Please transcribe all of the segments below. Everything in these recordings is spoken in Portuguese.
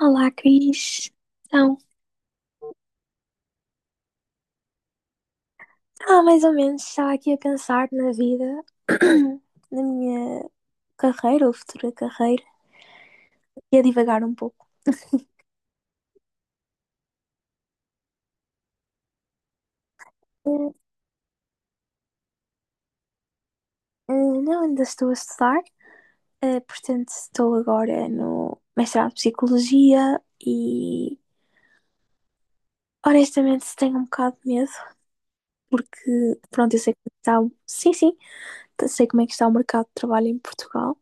Olá, Cris. Então, mais ou menos, estava aqui a pensar na vida, na minha carreira ou futura carreira, e a divagar um pouco. Eh, Não, ainda estou a estudar, portanto, estou agora no mestrado de Psicologia e, honestamente, tenho um bocado de medo, porque, pronto, eu sei como está Sim, sim, sei como é que está o mercado de trabalho em Portugal.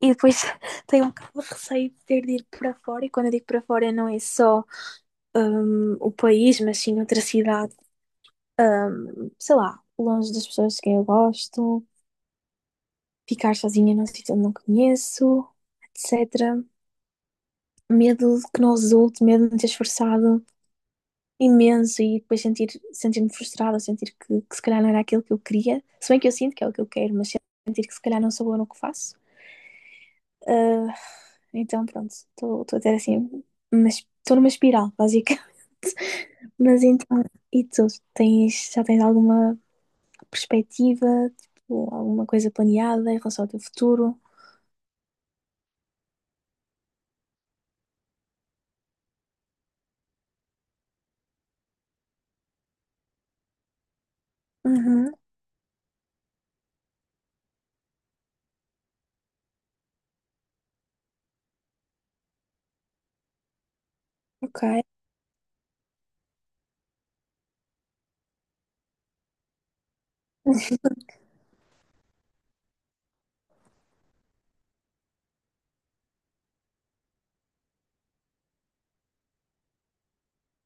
E depois tenho um bocado de receio de ter de ir para fora, e quando eu digo para fora não é só o país, mas sim outra cidade, sei lá, longe das pessoas que eu gosto, ficar sozinha num sítio onde não conheço, etc. Medo que não resulte, medo de me ter esforçado imenso e depois sentir-me frustrada, sentir que se calhar não era aquilo que eu queria, se bem que eu sinto que é o que eu quero, mas sentir que se calhar não sou boa no que faço. Ah, então, pronto, estou a ter assim, mas estou numa espiral, básica. Mas então, e tu? Já tens alguma perspectiva, tipo, alguma coisa planeada em relação ao teu futuro? Uhum. Ok,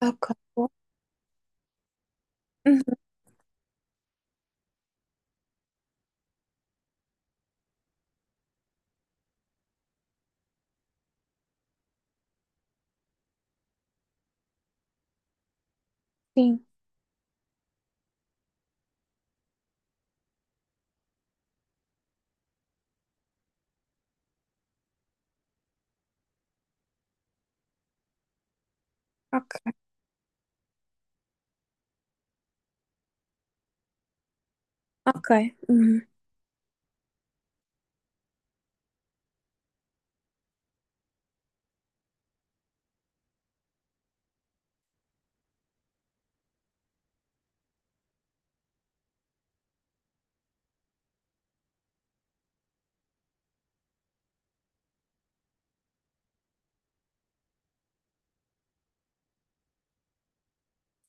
ok. Boa. Uhum, sim, ok, ok. Uhum.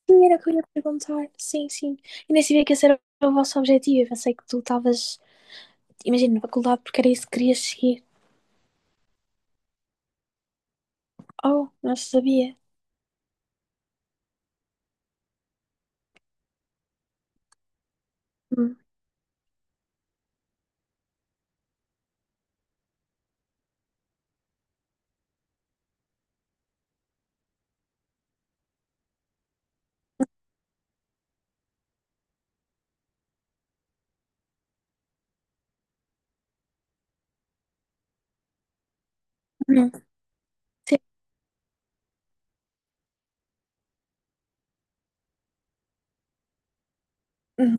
Sim, era o que eu ia perguntar. Sim, sim. E nem sabia que esse era o vosso objetivo. Eu pensei que tu estavas, imagina, na faculdade porque era isso que querias seguir. Oh, não sabia. Uhum. Uhum. Sim, uhum.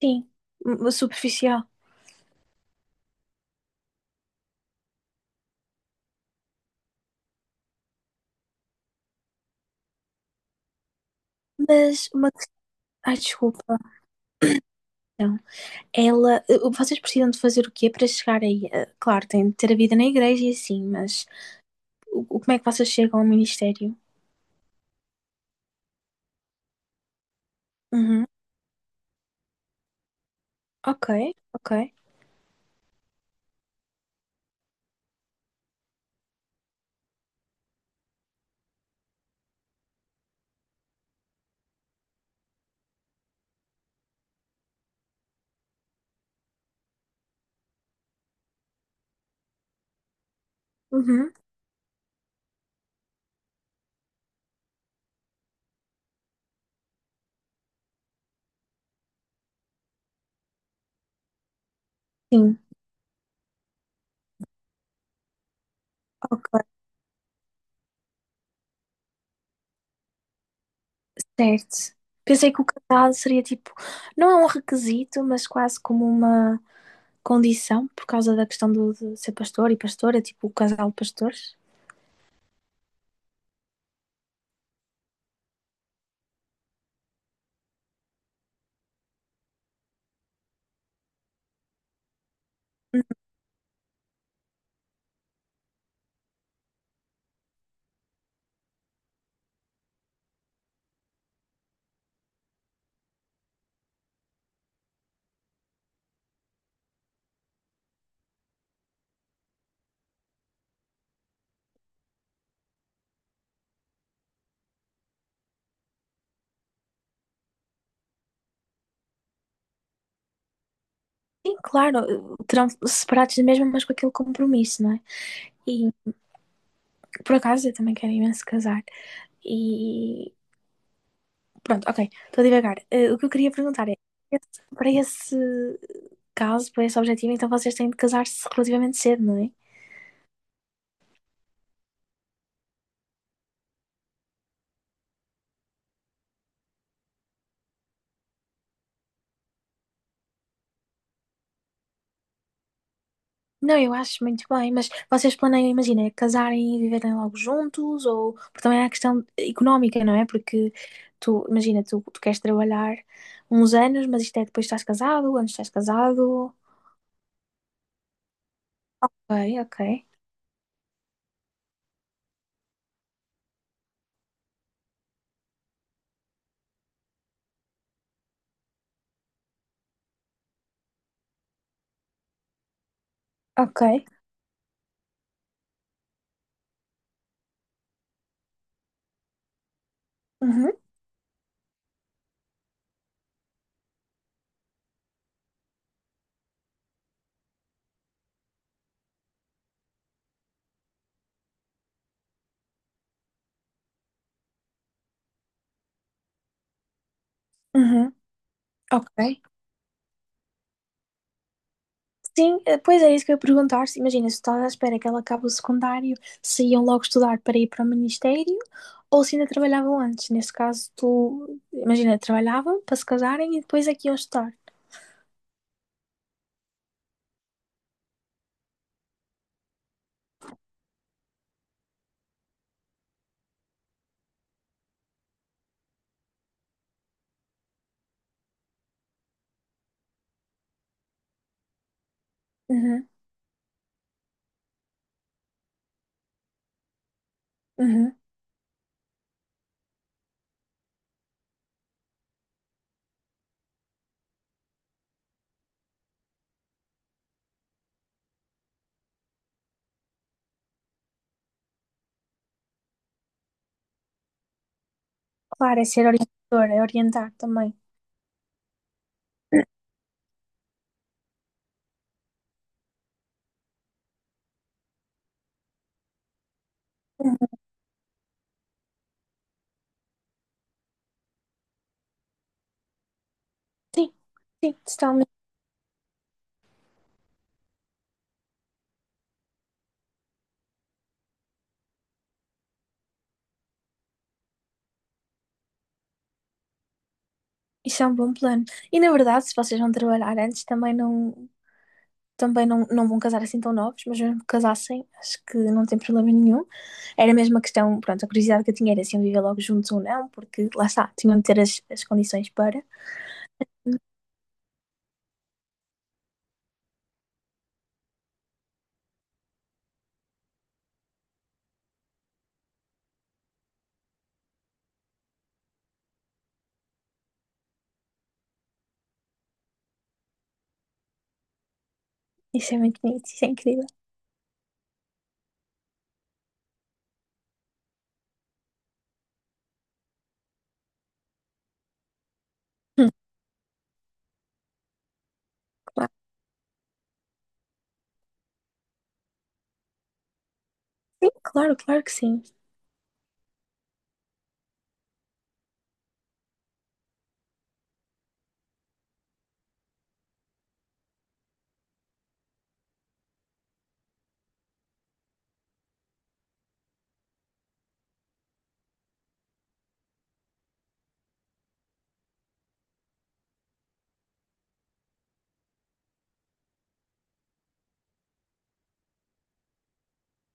Sim. Superficial. Mas uma questão. Ai, desculpa. Então, vocês precisam de fazer o quê para chegar aí? Claro, tem de ter a vida na igreja e assim, mas como é que vocês chegam ao ministério? Uhum. Ok, ok. Uhum. Sim, ok, certo. Pensei que o casal seria tipo. Não é um requisito, mas quase como uma condição, por causa da questão do, de ser pastor e pastora, tipo o casal de pastores. Sim, claro, terão separados mesmo, mas com aquele compromisso, não é? E por acaso, eu também quero imenso casar. E pronto, ok, estou a divagar. O que eu queria perguntar é, para esse caso, para esse objetivo, então vocês têm de casar-se relativamente cedo, não é? Não, eu acho muito bem, mas vocês planeiam, imagina, casarem e viverem logo juntos, ou porque também há a questão económica, não é? Porque tu, imagina, tu queres trabalhar uns anos, mas isto é depois estás casado, antes estás casado. Ok, ok. Ok. Uhum, uhum, ok. Sim, pois é isso que eu ia perguntar. Imagina, se estás à espera que ela acabe o secundário, se iam logo estudar para ir para o ministério ou se ainda trabalhavam antes. Nesse caso, tu, imagina, trabalhavam para se casarem e depois aqui iam estudar. Uhum, uhum. Claro, é ser orientador, é orientar também. Uhum. Sim, sim, totalmente. Isso é um bom plano. E na verdade, se vocês vão trabalhar antes, também não, não vão casar assim tão novos, mas mesmo que casassem, acho que não tem problema nenhum. Era mesmo a questão, pronto, a curiosidade que eu tinha era se iam viver logo juntos ou não, porque lá está, tinham de ter as condições para. Isso é muito bonito, isso é incrível. Hum, claro, sim, claro, claro que sim.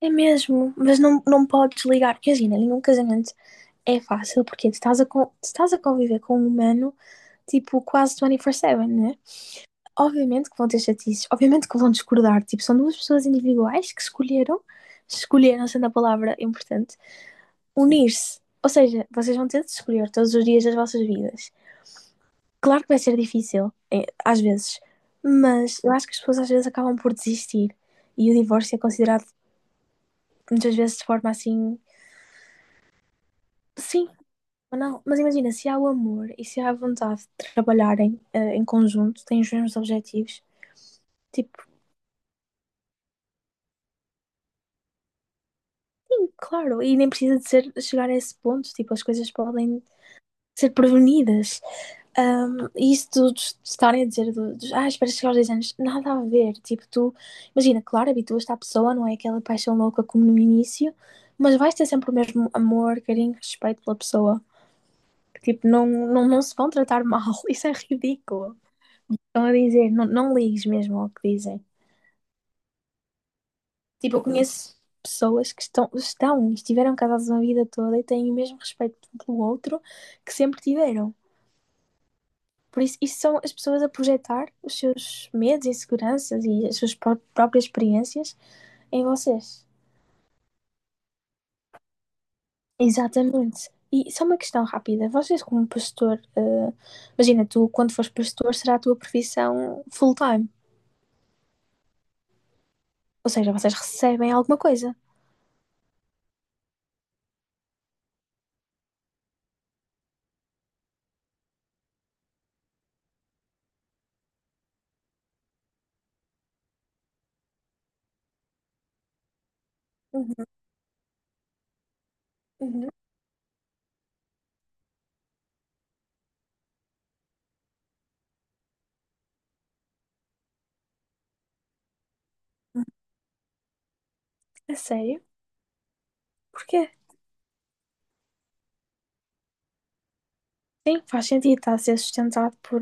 É mesmo, mas não, não podes ligar, porque imagina, nenhum casamento é fácil, porque tu estás a conviver com um humano, tipo, quase 24/7, né? Obviamente que vão ter chatices, obviamente que vão discordar. Tipo, são duas pessoas individuais que escolheram, escolheram, sendo a palavra importante, unir-se. Ou seja, vocês vão ter de escolher todos os dias das vossas vidas. Claro que vai ser difícil, às vezes, mas eu acho que as pessoas às vezes acabam por desistir. E o divórcio é considerado muitas vezes de forma assim, sim, ou não. Mas imagina, se há o amor e se há a vontade de trabalharem em conjunto, têm os mesmos objetivos, tipo, claro, e nem precisa de ser, chegar a esse ponto, tipo, as coisas podem ser prevenidas. Um, e isso de estarem a dizer, dos, ah, espera chegar aos 10 anos, nada a ver. Tipo, tu, imagina, claro, habituas-te à pessoa, não é aquela paixão louca como no início, mas vais ter sempre o mesmo amor, carinho, respeito pela pessoa. Tipo, não, não, não se vão tratar mal, isso é ridículo. Estão a dizer, não, não ligues mesmo ao que dizem. Tipo, eu conheço pessoas que estiveram casadas uma vida toda e têm o mesmo respeito um pelo outro que sempre tiveram. Por isso, isso são as pessoas a projetar os seus medos, inseguranças e as suas próprias experiências em vocês. Exatamente. E só uma questão rápida. Vocês, como pastor, imagina, tu, quando fores pastor, será a tua profissão full-time. Ou seja, vocês recebem alguma coisa. Uhum, uhum. A sério? Porquê? Sim, faz sentido estar a ser sustentado por,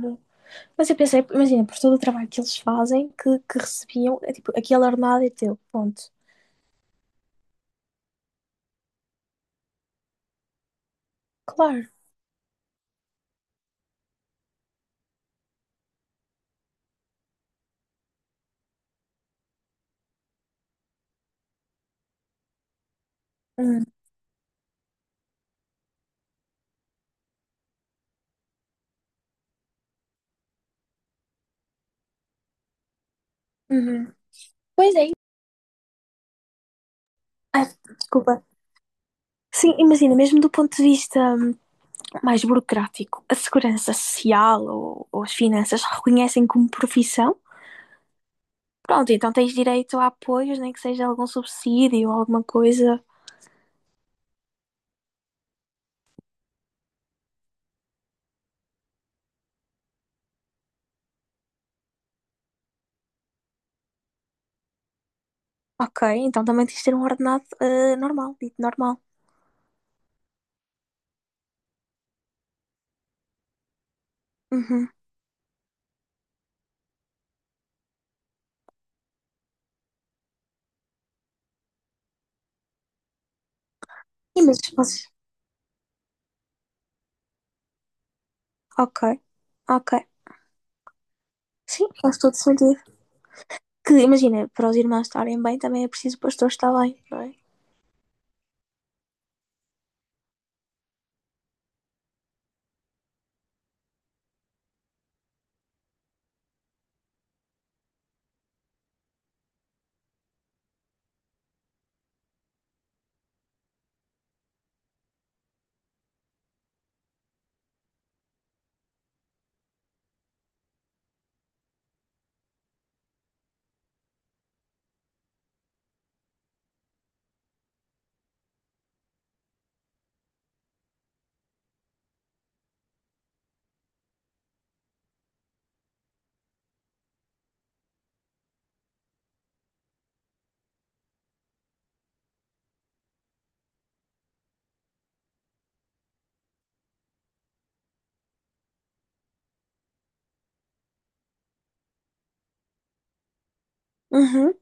mas eu pensei, imagina, por todo o trabalho que eles fazem, que recebiam, é tipo, aquele ordenado é teu, ponto. Claro. Hum, uhum. Pois é. Ai, desculpa. Sim, imagina, mesmo do ponto de vista mais burocrático, a segurança social ou as finanças reconhecem como profissão. Pronto, então tens direito a apoios, nem que seja algum subsídio ou alguma coisa. Ok, então também tens de ter um ordenado normal, dito normal. Uhum. E mas vocês- Ok, ok. Sim, faz todo sentido. Que imagina, para os irmãos estarem bem, também é preciso o pastor estar bem, não é? Uhum,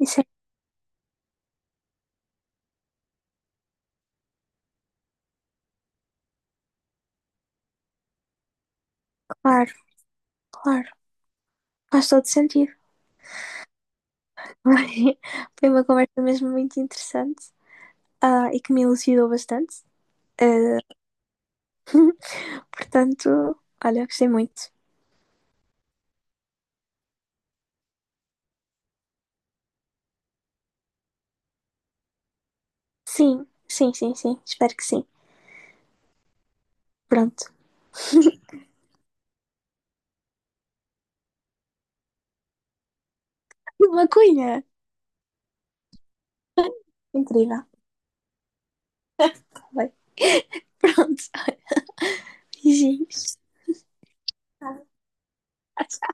isso é claro, claro. Faz todo sentido. Foi foi uma conversa mesmo muito interessante, ah, e que me elucidou bastante. Ah, portanto, olha, gostei muito. Sim, sim, sim, sim. Espero que sim. Pronto. Uma cunha! Incrível. Tá bem. Pronto. Beijinhos. Tchau.